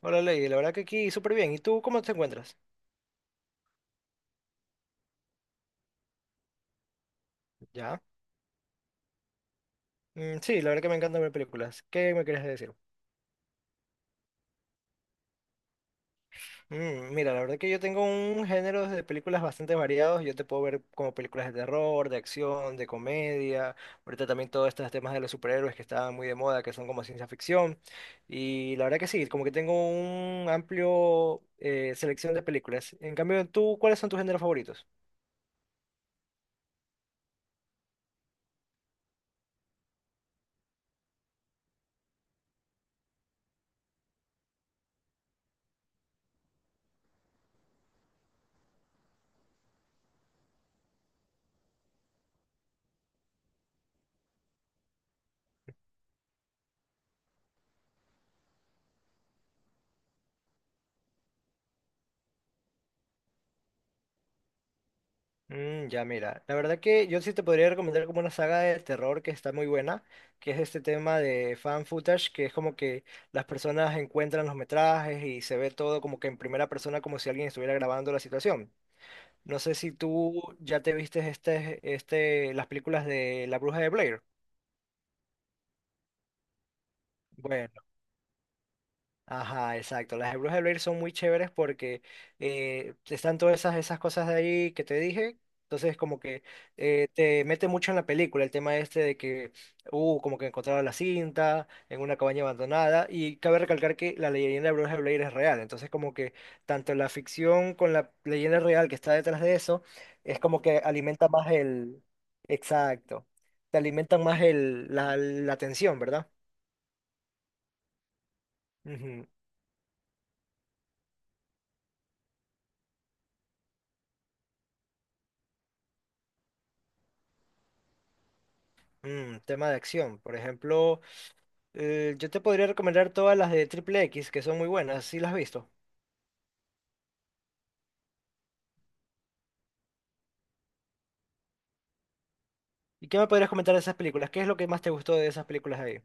Hola Lady, la verdad que aquí súper bien. ¿Y tú cómo te encuentras? ¿Ya? Mm, sí, la verdad que me encanta ver películas. ¿Qué me quieres decir? Mira, la verdad que yo tengo un género de películas bastante variados. Yo te puedo ver como películas de terror, de acción, de comedia. Ahorita también todos estos temas de los superhéroes que estaban muy de moda, que son como ciencia ficción. Y la verdad que sí, como que tengo un amplio selección de películas. En cambio, ¿tú cuáles son tus géneros favoritos? Mm, ya, mira, la verdad que yo sí te podría recomendar como una saga de terror que está muy buena, que es este tema de fan footage, que es como que las personas encuentran los metrajes y se ve todo como que en primera persona, como si alguien estuviera grabando la situación. No sé si tú ya te viste este, las películas de La Bruja de Blair. Bueno. Ajá, exacto. Las de Bruja de Blair son muy chéveres porque están todas esas, esas cosas de ahí que te dije. Entonces, como que te mete mucho en la película el tema este de que, como que encontraron la cinta en una cabaña abandonada. Y cabe recalcar que la leyenda de Bruja de Blair es real. Entonces, como que tanto la ficción con la leyenda real que está detrás de eso, es como que alimenta más el... Exacto. Te alimentan más el, la tensión, ¿verdad? Ujú. Tema de acción. Por ejemplo, yo te podría recomendar todas las de Triple X, que son muy buenas, si las has visto. ¿Y qué me podrías comentar de esas películas? ¿Qué es lo que más te gustó de esas películas ahí?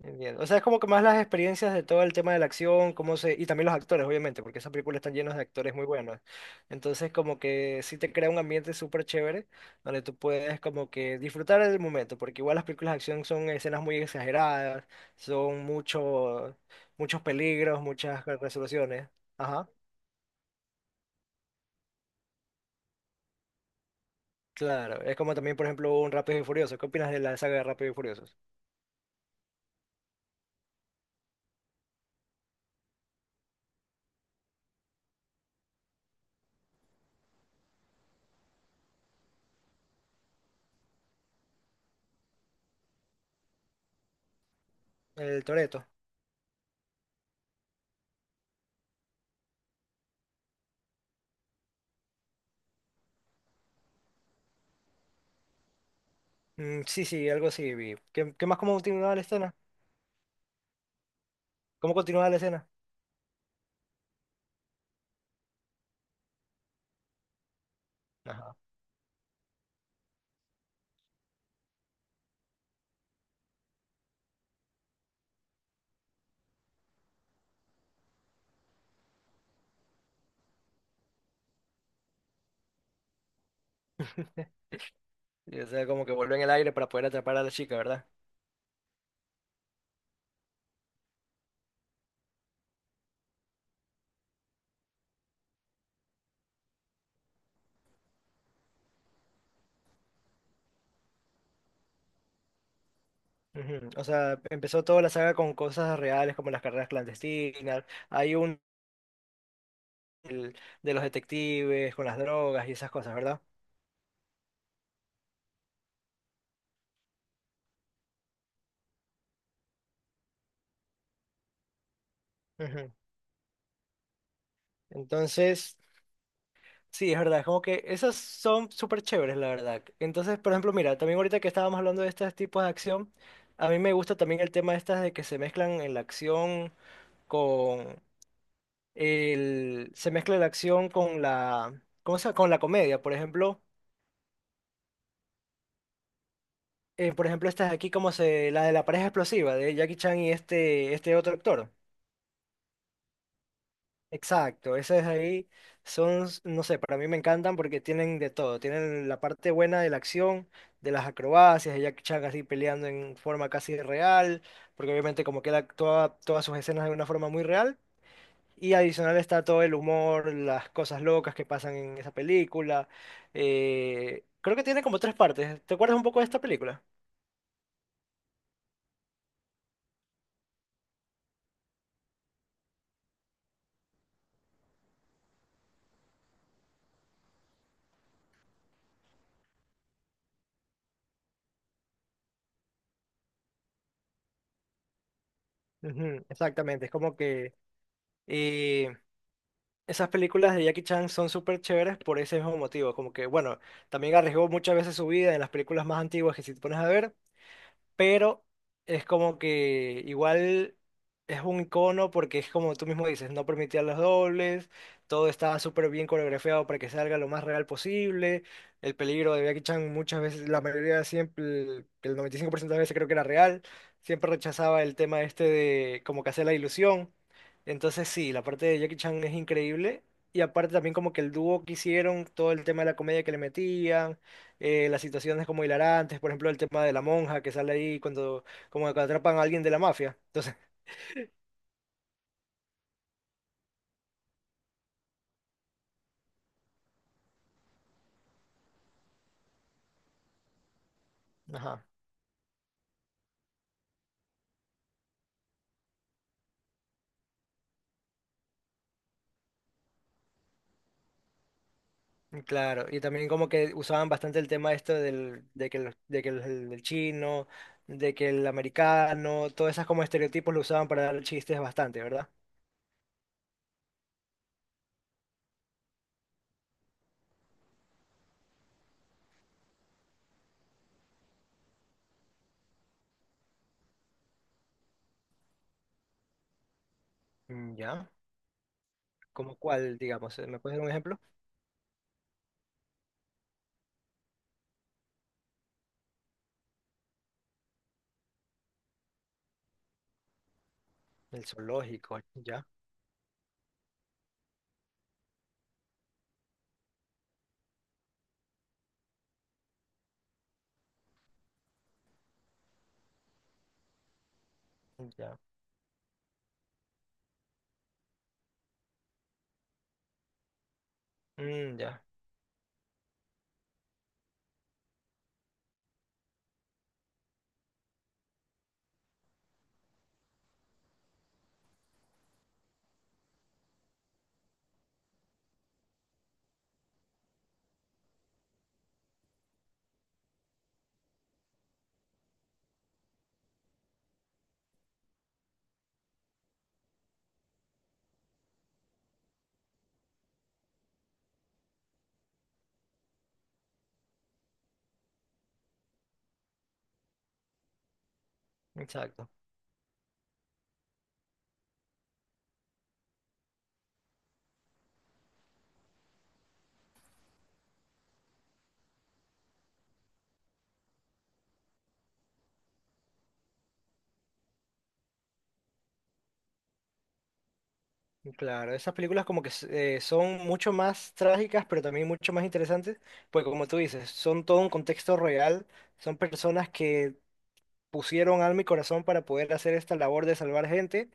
Entiendo. O sea, es como que más las experiencias de todo el tema de la acción, cómo se... y también los actores, obviamente, porque esas películas están llenas de actores muy buenos. Entonces, como que sí te crea un ambiente súper chévere, donde tú puedes como que disfrutar del momento, porque igual las películas de acción son escenas muy exageradas, son mucho, muchos peligros, muchas resoluciones. Ajá. Claro, es como también, por ejemplo, un Rápido y Furioso. ¿Qué opinas de la saga de Rápido y Furiosos? El Toreto sí, sí, algo así vi. ¿Qué más cómo continuaba la escena? ¿Cómo continuaba la escena? Ajá. Y, o sea, como que vuelve en el aire para poder atrapar a la chica, ¿verdad? Ujú. O sea, empezó toda la saga con cosas reales como las carreras clandestinas. Hay un el- de los detectives con las drogas y esas cosas, ¿verdad? Ujú. Entonces. Sí, es verdad, es como que esas son súper chéveres, la verdad. Entonces, por ejemplo, mira, también ahorita que estábamos hablando de estos tipos de acción, a mí me gusta también el tema estas de que se mezclan en la acción con se mezcla la acción con la, ¿cómo se llama? Con la comedia, por ejemplo, estas aquí como se, la de la pareja explosiva de Jackie Chan y este otro actor. Exacto, esas ahí son, no sé, para mí me encantan porque tienen de todo. Tienen la parte buena de la acción, de las acrobacias, de Jackie Chan así peleando en forma casi real, porque obviamente como que él actúa todas sus escenas de una forma muy real. Y adicional está todo el humor, las cosas locas que pasan en esa película. Creo que tiene como tres partes. ¿Te acuerdas un poco de esta película? Ujú, exactamente, es como que... Esas películas de Jackie Chan son súper chéveres por ese mismo motivo, como que, bueno, también arriesgó muchas veces su vida en las películas más antiguas que si te pones a ver, pero es como que igual es un icono porque es como tú mismo dices, no permitía los dobles, todo estaba súper bien coreografiado para que salga lo más real posible, el peligro de Jackie Chan muchas veces, la mayoría siempre, el 95% de las veces creo que era real, siempre rechazaba el tema este de como que hacer la ilusión, entonces sí, la parte de Jackie Chan es increíble. Y aparte también como que el dúo que hicieron, todo el tema de la comedia que le metían, las situaciones como hilarantes, por ejemplo, el tema de la monja que sale ahí cuando, como que atrapan a alguien de la mafia. Entonces, ajá, claro. Y también como que usaban bastante el tema esto del, de que, el, de que el, chino, de que el americano, todos esos como estereotipos lo usaban para dar chistes bastante, ¿verdad? Mm, ya. ¿Cómo cuál, digamos? ¿Me puedes dar un ejemplo? El zoológico, ya, ya. Mm, ya, exacto. Claro, esas películas como que son mucho más trágicas, pero también mucho más interesantes, pues como tú dices, son todo un contexto real, son personas que pusieron alma y corazón para poder hacer esta labor de salvar gente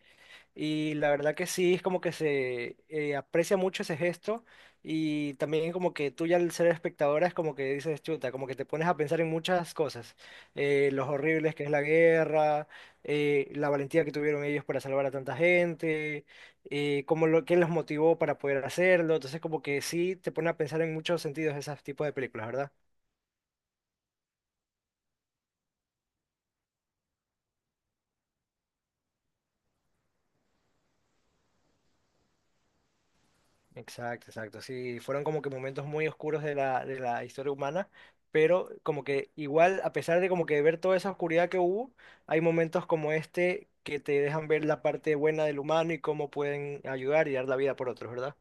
y la verdad que sí, es como que se aprecia mucho ese gesto y también como que tú ya al ser espectadora es como que dices, chuta, como que te pones a pensar en muchas cosas, los horribles que es la guerra, la valentía que tuvieron ellos para salvar a tanta gente, como lo que los motivó para poder hacerlo, entonces como que sí te pone a pensar en muchos sentidos esos tipos de películas, ¿verdad? Exacto, exacto. Sí, fueron como que momentos muy oscuros de la historia humana, pero como que igual, a pesar de como que ver toda esa oscuridad que hubo, hay momentos como este que te dejan ver la parte buena del humano y cómo pueden ayudar y dar la vida por otros, ¿verdad?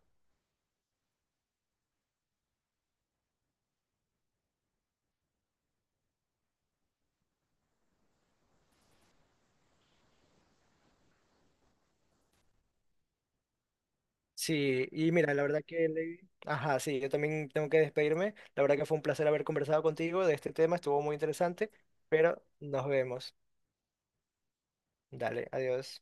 Sí, y mira, la verdad que, Lady- ajá, sí, yo también tengo que despedirme. La verdad que fue un placer haber conversado contigo de este tema, estuvo muy interesante, pero nos vemos. Dale, adiós.